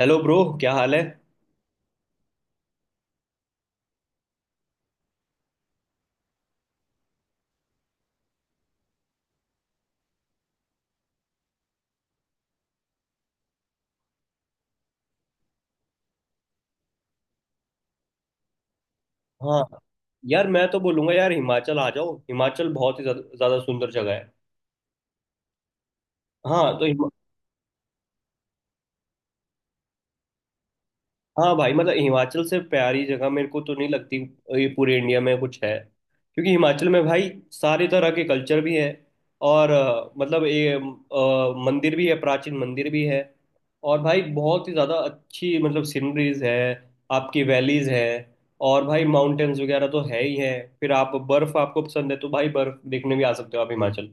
Hello bro. क्या हाल है? हाँ, यार मैं तो बोलूंगा यार, हिमाचल आ जाओ। हिमाचल बहुत ही ज्यादा ज्यादा सुंदर जगह है। हाँ, तो हाँ भाई, मतलब हिमाचल से प्यारी जगह मेरे को तो नहीं लगती। ये पूरे इंडिया में कुछ है। क्योंकि हिमाचल में भाई सारे तरह के कल्चर भी है। और मतलब ये मंदिर भी है, प्राचीन मंदिर भी है। और भाई बहुत ही ज़्यादा अच्छी मतलब सीनरीज है। आपकी वैलीज है। और भाई माउंटेन्स वगैरह तो है ही है। फिर आप बर्फ़, आपको पसंद है तो भाई, बर्फ़ देखने भी आ सकते हो आप हिमाचल।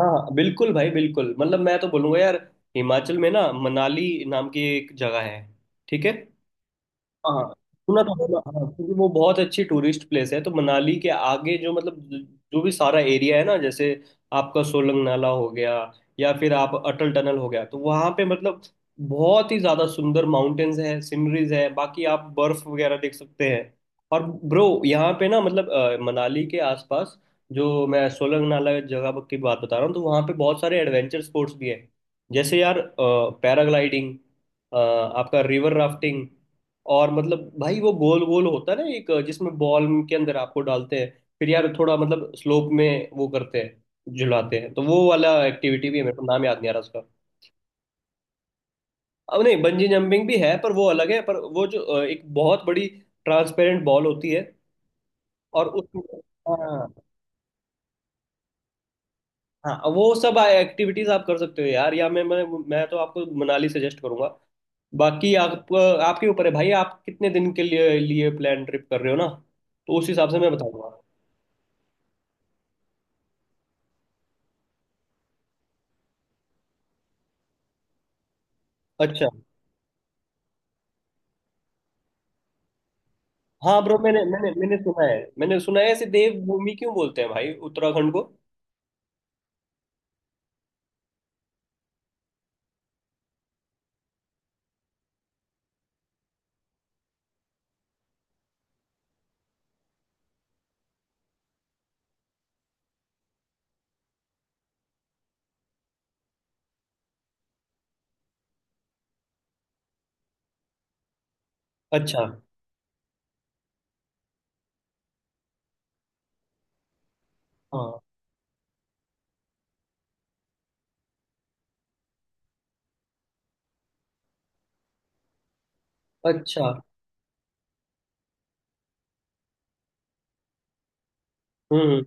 हाँ हाँ बिल्कुल भाई, बिल्कुल मतलब मैं तो बोलूँगा यार, हिमाचल में ना मनाली नाम की एक जगह है। ठीक है? हाँ, सुना था सुना, हाँ, क्योंकि वो बहुत अच्छी टूरिस्ट प्लेस है। तो मनाली के आगे जो मतलब जो भी सारा एरिया है ना, जैसे आपका सोलंग नाला हो गया या फिर आप अटल टनल हो गया, तो वहाँ पे मतलब बहुत ही ज़्यादा सुंदर माउंटेन्स है, सीनरीज है। बाकी आप बर्फ वगैरह देख सकते हैं। और ब्रो यहाँ पे ना मतलब मनाली के आसपास जो मैं सोलंग नाला जगह की बात बता रहा हूँ, तो वहाँ पे बहुत सारे एडवेंचर स्पोर्ट्स भी है। जैसे यार पैराग्लाइडिंग, आपका रिवर राफ्टिंग, और मतलब भाई वो गोल गोल होता है ना, एक जिसमें बॉल के अंदर आपको डालते हैं। फिर यार थोड़ा मतलब स्लोप में वो करते हैं, झुलाते हैं। तो वो वाला एक्टिविटी भी है, मेरे को नाम याद नहीं आ रहा उसका। अब नहीं, बंजी जंपिंग भी है पर वो अलग है। पर वो जो एक बहुत बड़ी ट्रांसपेरेंट बॉल होती है, और उस। हाँ हाँ, वो सब एक्टिविटीज आप कर सकते हो यार। या मैं तो आपको मनाली सजेस्ट करूंगा। बाकी आप, आपके ऊपर है भाई, आप कितने दिन के लिए लिए प्लान ट्रिप कर रहे हो ना, तो उस हिसाब से मैं बताऊंगा। अच्छा। हाँ ब्रो, मैंने मैंने मैंने सुना है मैंने सुना है, ऐसे देवभूमि क्यों बोलते हैं भाई उत्तराखंड को? अच्छा। हाँ। अच्छा। हम्म,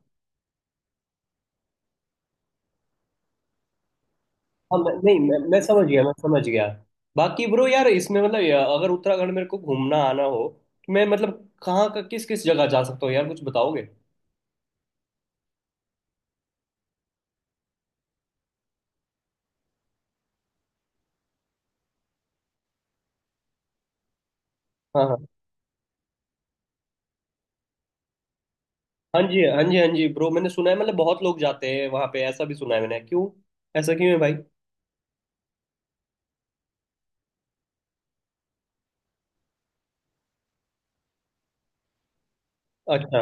हाँ, मैं, नहीं मैं समझ गया, मैं समझ गया। बाकी ब्रो यार इसमें मतलब अगर उत्तराखंड मेरे को घूमना आना हो, तो मैं मतलब कहाँ का किस किस जगह जा सकता हूँ यार? कुछ बताओगे? हाँ हाँ। हाँ जी, हाँ जी, हाँ जी ब्रो, मैंने सुना है मतलब बहुत लोग जाते हैं वहाँ पे, ऐसा भी सुना है मैंने। क्यों ऐसा क्यों है भाई? अच्छा।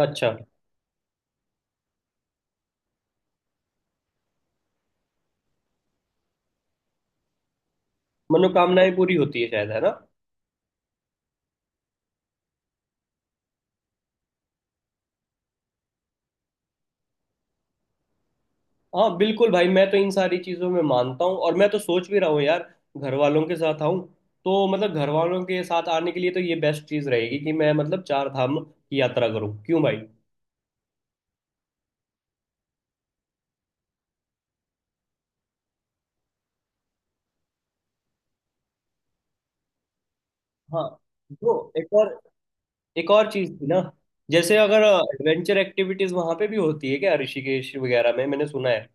अच्छा। मनोकामनाएं पूरी होती है शायद, है ना? हाँ बिल्कुल भाई, मैं तो इन सारी चीज़ों में मानता हूँ, और मैं तो सोच भी रहा हूँ यार घर वालों के साथ आऊँ, तो मतलब घर वालों के साथ आने के लिए तो ये बेस्ट चीज़ रहेगी कि मैं मतलब चार धाम की यात्रा करूँ, क्यों भाई? हाँ। जो एक और चीज़ थी ना। जैसे अगर एडवेंचर एक्टिविटीज़ वहाँ पे भी होती है क्या, ऋषिकेश वगैरह में? मैंने सुना है।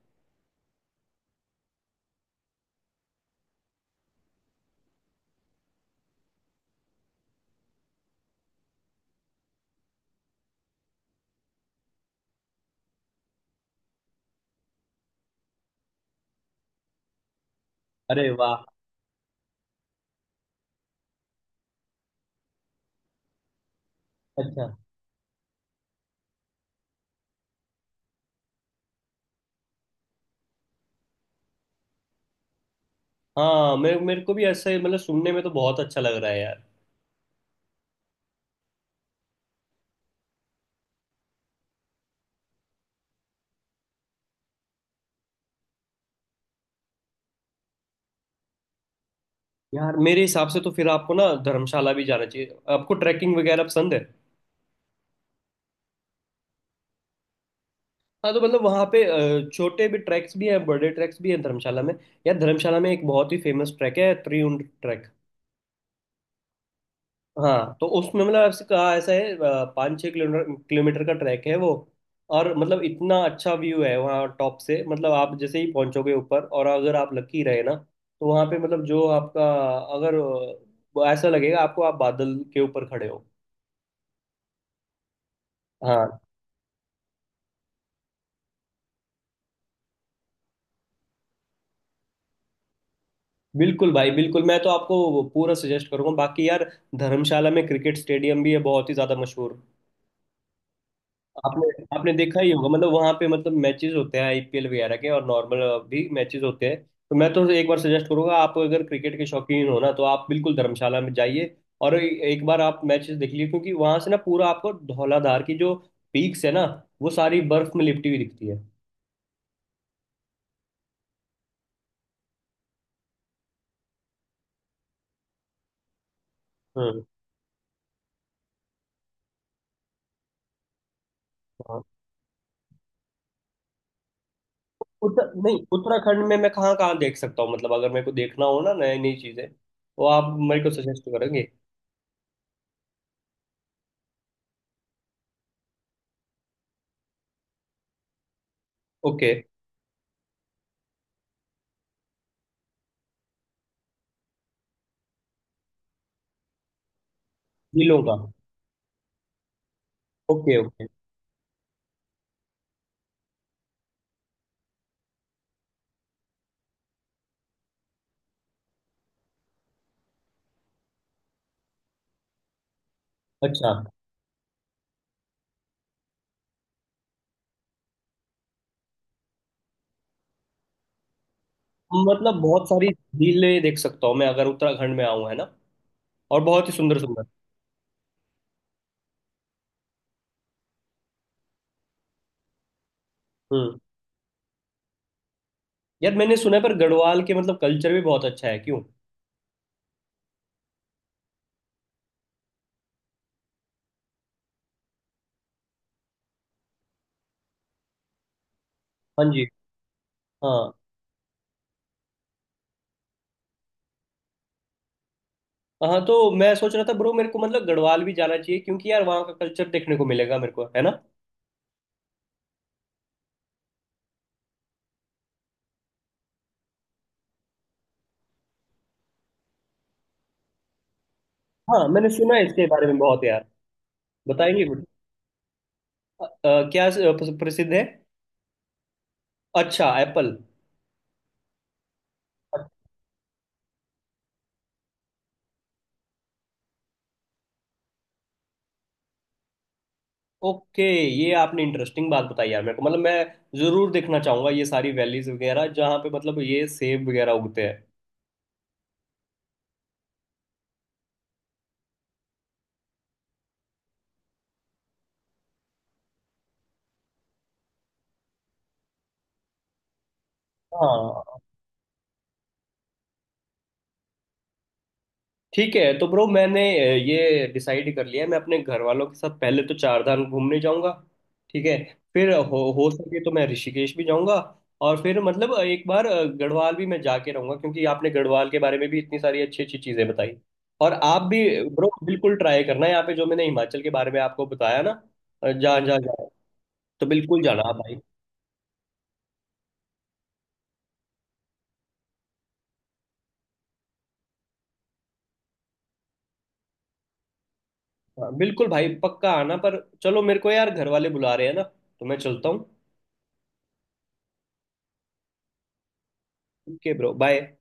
अरे वाह। अच्छा। हाँ, मेरे मेरे को भी ऐसे मतलब सुनने में तो बहुत अच्छा लग रहा है यार। यार मेरे हिसाब से तो फिर आपको ना धर्मशाला भी जाना चाहिए। आपको ट्रैकिंग वगैरह पसंद है? हाँ तो मतलब वहाँ पे छोटे भी ट्रैक्स भी हैं, बड़े ट्रैक्स भी हैं धर्मशाला में। यार धर्मशाला में एक बहुत ही फेमस ट्रैक है, त्रिउंड ट्रैक। हाँ तो उसमें मतलब ऐसे कहा ऐसा है, पाँच छः किलोमीटर किलोमीटर का ट्रैक है वो। और मतलब इतना अच्छा व्यू है वहाँ टॉप से, मतलब आप जैसे ही पहुँचोगे ऊपर, और अगर आप लकी रहे ना, तो वहाँ पे मतलब जो आपका अगर ऐसा लगेगा आपको आप बादल के ऊपर खड़े हो। हाँ बिल्कुल भाई, बिल्कुल मैं तो आपको पूरा सजेस्ट करूंगा। बाकी यार, धर्मशाला में क्रिकेट स्टेडियम भी है, बहुत ही ज़्यादा मशहूर। आपने आपने देखा ही होगा, मतलब वहां पे मतलब मैचेस होते हैं आईपीएल वगैरह के, और नॉर्मल भी मैचेस होते हैं। तो मैं तो एक बार सजेस्ट करूंगा, आप अगर क्रिकेट के शौकीन हो ना तो आप बिल्कुल धर्मशाला में जाइए, और एक बार आप मैचेस देख लीजिए, क्योंकि वहां से ना पूरा आपको धौलाधार की जो पीक्स है ना, वो सारी बर्फ में लिपटी हुई दिखती है। हम्म। हाँ। उत्तर नहीं, उत्तराखंड में मैं कहाँ कहाँ देख सकता हूँ, मतलब अगर मेरे को देखना हो ना नई नई चीजें, तो आप मेरे को सजेस्ट करेंगे? ओके। जिलों का। Okay, okay. अच्छा, मतलब बहुत सारी झीलें देख सकता हूँ मैं अगर उत्तराखंड में आऊँ, है ना? और बहुत ही सुंदर सुंदर। हम्म। यार मैंने सुना है पर गढ़वाल के मतलब कल्चर भी बहुत अच्छा है, क्यों? हाँ जी। हाँ। हाँ तो मैं सोच रहा था ब्रो, मेरे को मतलब गढ़वाल भी जाना चाहिए, क्योंकि यार वहाँ का कल्चर देखने को मिलेगा मेरे को, है ना? हाँ, मैंने सुना है इसके बारे में बहुत यार। बताएंगे कुछ, क्या प्रसिद्ध है? अच्छा, एप्पल। ओके। ये आपने इंटरेस्टिंग बात बताई यार, मेरे को मतलब मैं जरूर देखना चाहूंगा ये सारी वैलीज वगैरह जहाँ पे मतलब ये सेब वगैरह उगते हैं। हाँ ठीक है, तो ब्रो मैंने ये डिसाइड कर लिया है, मैं अपने घर वालों के साथ पहले तो चार धाम घूमने जाऊंगा। ठीक है। फिर हो सके तो मैं ऋषिकेश भी जाऊंगा। और फिर मतलब एक बार गढ़वाल भी मैं जाके रहूंगा, क्योंकि आपने गढ़वाल के बारे में भी इतनी सारी अच्छी अच्छी चीजें बताई, और आप भी। ब्रो बिल्कुल ट्राई करना यहाँ पे जो मैंने हिमाचल के बारे में आपको बताया ना, जा जा जा तो बिल्कुल जाना आप भाई। हाँ, बिल्कुल भाई, पक्का आना। पर चलो, मेरे को यार घर वाले बुला रहे हैं ना, तो मैं चलता हूँ। Okay bro, bye.